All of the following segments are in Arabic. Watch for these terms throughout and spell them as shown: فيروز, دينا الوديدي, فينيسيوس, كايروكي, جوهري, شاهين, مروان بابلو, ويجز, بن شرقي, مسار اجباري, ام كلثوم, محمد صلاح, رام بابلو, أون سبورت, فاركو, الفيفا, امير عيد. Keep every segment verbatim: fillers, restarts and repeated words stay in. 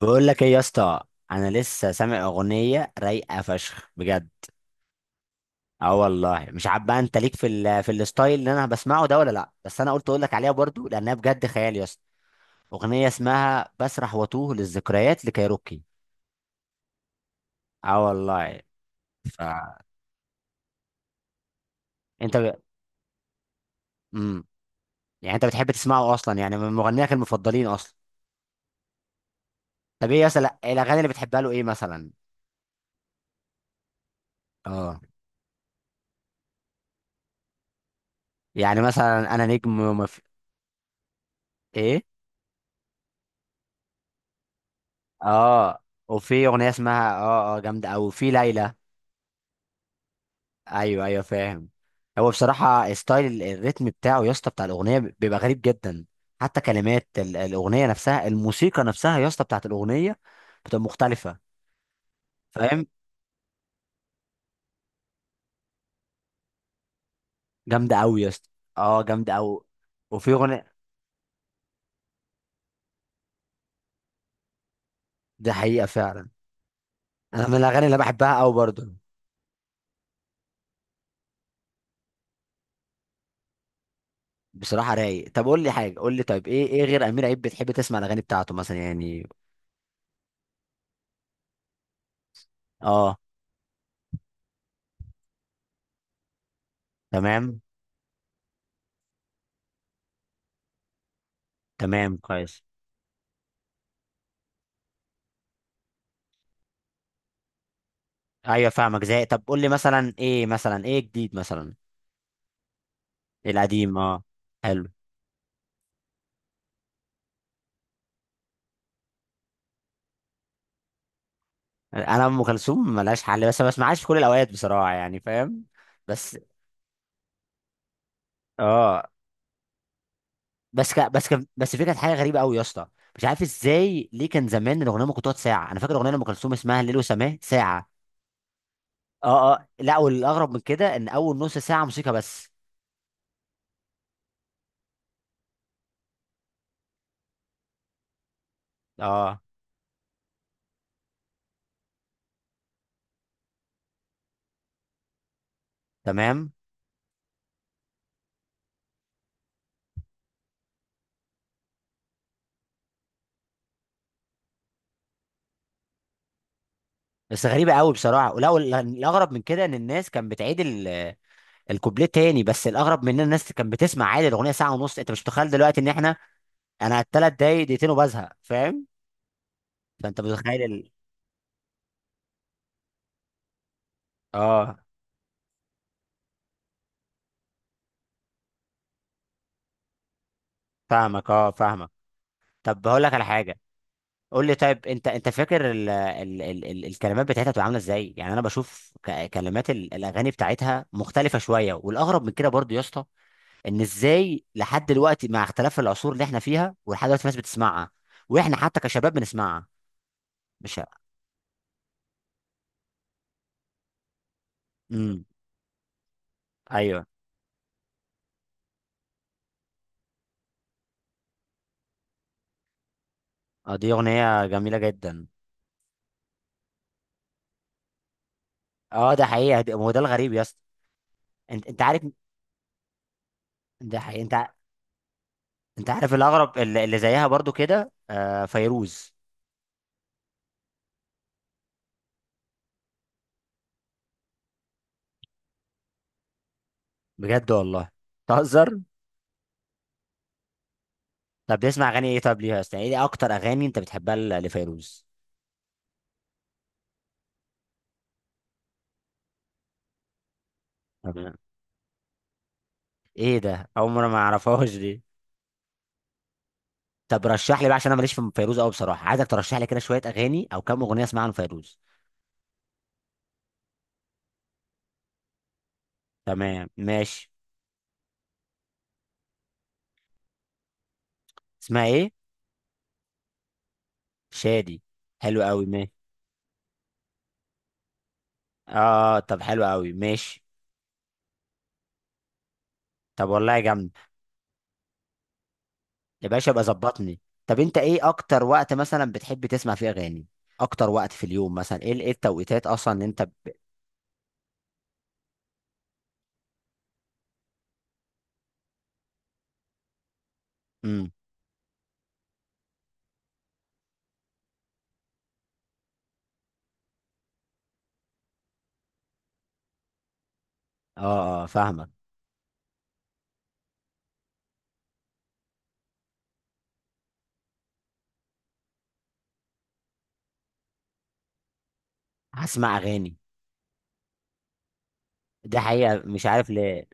بقول لك ايه يا اسطى؟ انا لسه سامع اغنيه رايقه فشخ بجد. اه والله مش عارف بقى، انت ليك في ال في الستايل اللي انا بسمعه ده ولا لا؟ بس انا قلت اقول لك عليها برضو لانها بجد خيال يا اسطى. اغنيه اسمها بسرح واتوه للذكريات لكايروكي. اه والله. ف انت ب... مم. يعني انت بتحب تسمعه اصلا، يعني من مغنيك المفضلين اصلا؟ طب ايه يا اسطى، لا- الاغاني اللي بتحبها له ايه مثلا؟ اه. يعني مثلا انا نجم وما في... ايه. اه وفي اغنيه اسمها اه اه جامده، او في ليلى. ايوه ايوه فاهم. هو بصراحه ستايل ال- الريتم بتاعه يا اسطى بتاع الاغنيه بيبقى غريب جدا، حتى كلمات ال- الاغنيه نفسها الموسيقى نفسها يا اسطى بتاعت الاغنيه بتبقى مختلفه. فاهم. جامده قوي يا اسطى. اه جامده قوي. وفي اغنيه، دي حقيقه فعلا. انا من الاغاني اللي بحبها قوي برضه. بصراحه رايق. طب قول لي حاجه، قول لي طيب ايه، ايه غير امير عيد بتحب تسمع الاغاني بتاعته مثلا يعني؟ اه. تمام. تمام كويس. ايوه فاهمك زي، طب قول لي مثلا ايه، مثلا ايه جديد مثلا؟ القديم اه. حلو. انا ام كلثوم ملهاش حل بس ما بسمعهاش في كل الاوقات بصراحه، يعني فاهم. بس اه. بس ك... بس ك... بس في كانت حاجه غريبه قوي يا اسطى، مش عارف ازاي ليه. كان زمان الاغنيه ممكن تقعد ساعه، انا فاكر اغنيه لام كلثوم اسمها الليل وسماه ساعه. اه اه لا، والاغرب من كده ان اول نص ساعه موسيقى بس. اه تمام. بس غريبه قوي بصراحه، ولا وال- الاغرب من كده ان الناس كانت بتعيد ال... الكوبليه تاني. بس الاغرب من ان الناس كانت بتسمع عادي الاغنيه ساعه ونص، انت مش متخيل دلوقتي ان احنا، انا على الثلاث دقايق دقيقتين وبزهق، فاهم. فانت متخيل ال... اه فاهمك. اه فاهمك. طب هقول لك على حاجه. قول لي طيب، انت انت فاكر ال... ال... ال... ال... الكلمات بتاعتها بتبقى عامله ازاي؟ يعني انا بشوف ك... كلمات ال... الاغاني بتاعتها مختلفه شويه. والاغرب من كده برضو يا اسطى، ان ازاي لحد دلوقتي مع اختلاف العصور اللي احنا فيها، ولحد دلوقتي الناس بتسمعها، واحنا حتى كشباب بنسمعها. مش. امم. ايوه. اه دي اغنيه جميله جدا. اه ده حقيقه، ده- هو ده الغريب يا اسطى. انت انت عارف. ده حقيقي. انت انت عارف الاغرب اللي اللي زيها برضو كده آه فيروز. بجد والله؟ تهزر. طب بتسمع اغاني ايه، طب ليها اصلا، ايه اكتر اغاني انت بتحبها ل- لفيروز؟ طب ايه ده؟ اول مره ما اعرفهاش دي. طب رشح لي بقى عشان انا ماليش في فيروز قوي بصراحه، عايزك ترشح لي كده شويه اغاني او كام اغنيه اسمعها لفيروز. تمام ماشي. اسمها ايه؟ شادي. حلو قوي ماشي. اه طب حلو قوي ماشي. طب والله جامده. يا باشا ابقى ظبطني. طب انت ايه اكتر وقت مثلا بتحب تسمع فيه اغاني؟ اكتر وقت في اليوم مثلا ايه، ايه التوقيتات اصلا اللي انت ب... امم. اه اه فاهمك. هسمع اغاني. دي حقيقة مش عارف ليه.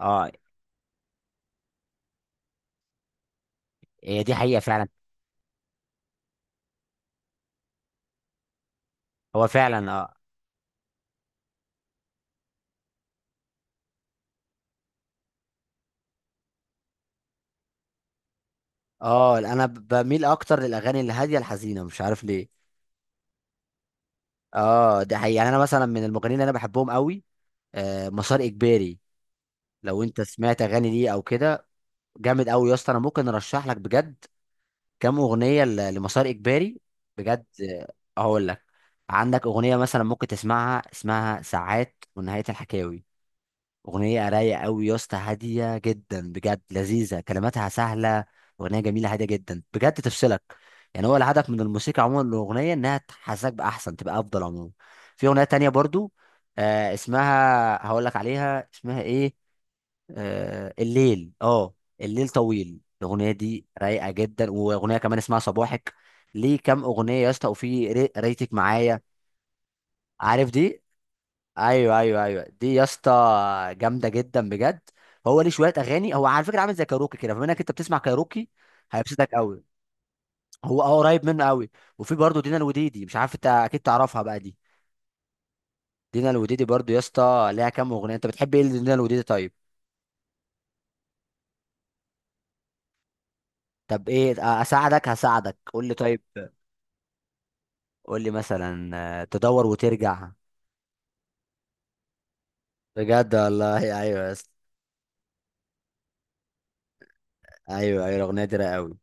اه هي دي حقيقة فعلا. هو فعلا اه. اه انا ب- بميل اكتر للاغاني الهادية الحزينة، مش عارف ليه. اه دي حقيقة. يعني انا مثلا من المغنيين اللي انا بحبهم قوي آه مسار اجباري. لو انت سمعت اغاني ليه او كده، جامد قوي يا اسطى. انا ممكن ارشح لك بجد كام اغنيه ل- لمسار اجباري. بجد آه، هقول لك. عندك اغنيه مثلا ممكن تسمعها اسمها ساعات ونهايه الحكاوي. اغنيه رايقه قوي يا اسطى، هاديه جدا بجد، لذيذه كلماتها سهله. اغنيه جميله هاديه جدا بجد، تفصلك. يعني هو الهدف من الموسيقى عموما، الاغنيه انها تحسسك باحسن، تبقى افضل عموما. في اغنيه تانية برضو آه، اسمها، هقول لك عليها اسمها ايه، آه الليل. اه الليل طويل. الاغنيه دي رايقه جدا. واغنيه كمان اسمها صباحك ليه، كام اغنيه يا اسطى، وفي ري- ريتك معايا. عارف دي؟ ايوه ايوه ايوه دي يا اسطى، جامده جدا بجد. هو ليه شويه اغاني، هو على فكره عامل زي كاروكي كده، فبما انك انت بتسمع كاروكي هيبسطك قوي. هو اه قريب منه قوي. وفي برضه دينا الوديدي، مش عارف انت اكيد تعرفها بقى دي. دينا الوديدي برضه يا اسطى ليها كام اغنيه، انت بتحب ايه لدينا الوديدي طيب؟ طب ايه؟ اساعدك. هساعدك قول لي طيب. قول لي مثلا آه، تدور وترجع. بجد والله. ايوه يا اسطى. ايوه ايوه الاغنيه دي رايقه قوي.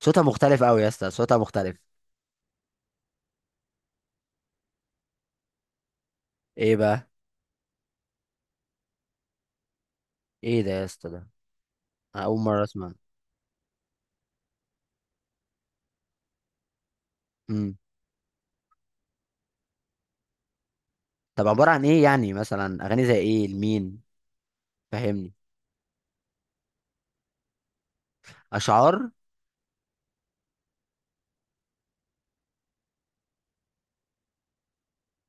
صوتها مختلف قوي يا اسطى، صوتها مختلف. ايه بقى؟ ايه ده يا اسطى، ده أنا اول مره اسمع. امم. طب عباره عن ايه يعني، مثلا اغاني زي ايه لمين؟ فهمني. اشعار.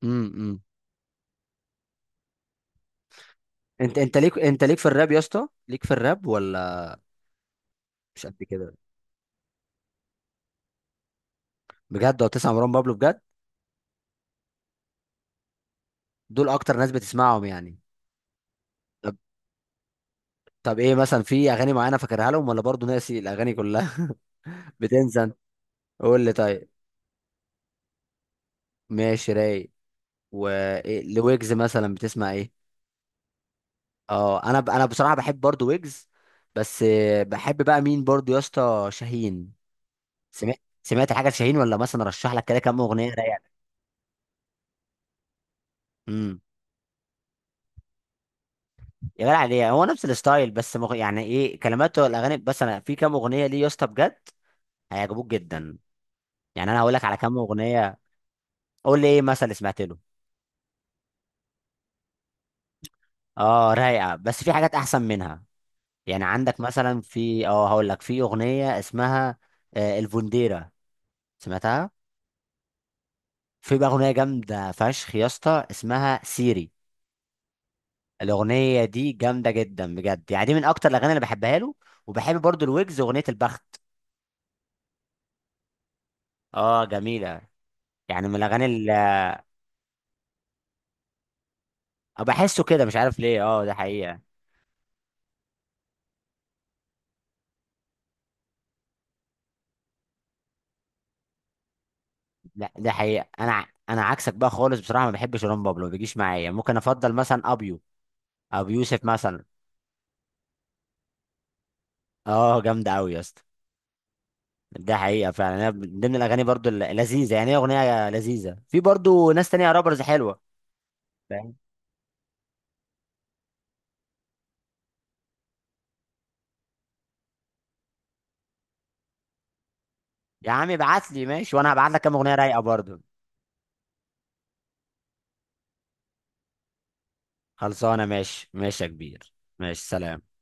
امم. انت انت ليك، انت ليك في الراب يا اسطى، ليك في الراب ولا؟ مش قد كده. بجد لو تسمع مروان بابلو بجد، دول اكتر ناس بتسمعهم يعني. طب. طب ايه مثلا، في اغاني معينه فاكرها لهم ولا برضه ناسي الاغاني كلها؟ بتنسى انت؟ قول لي طيب. ماشي رايق. ولويجز مثلا بتسمع ايه؟ اه انا ب... انا بصراحه بحب برضو ويجز. بس آه، بحب بقى مين برضو يا اسطى؟ شاهين. سمعت سمعت حاجه شاهين، ولا مثلا رشح لك كده كام اغنيه رايقه. امم. يا جدع ليه، هو نفس الستايل بس مغ... يعني ايه كلماته الاغاني. بس انا في كام اغنيه ليه يا اسطى بجد هيعجبوك جدا. يعني انا هقول لك على كام اغنيه. قول لي ايه مثلا اللي سمعت له. اه رايقه بس في حاجات احسن منها. يعني عندك مثلا في اه، هقول لك، في اغنيه اسمها آه، الفونديرا. سمعتها؟ في بقى اغنيه جامده فشخ يا اسطى اسمها سيري. الاغنيه دي جامده جدا بجد. يعني دي من اكتر الاغاني اللي بحبها له. وبحب برضو الويجز، اغنيه البخت. اه جميله. يعني من الاغاني اللي بحسه كده، مش عارف ليه. اه ده حقيقه. لا ده حقيقه، انا ع- انا عكسك بقى خالص بصراحه، ما بحبش رام بابلو ما بيجيش معايا. ممكن افضل مثلا ابيو، ابو يوسف مثلا. اه جامده قوي يا اسطى. ده حقيقه فعلا. أنا من ضمن الاغاني برضو اللذيذه، يعني هي اغنيه لذيذه. في برضو ناس تانية رابرز حلوه. يا عم ابعت لي ماشي، وانا هبعت لك كام اغنيه رايقه برضو. خلصانه ماشي ماشي يا كبير. ماشي سلام.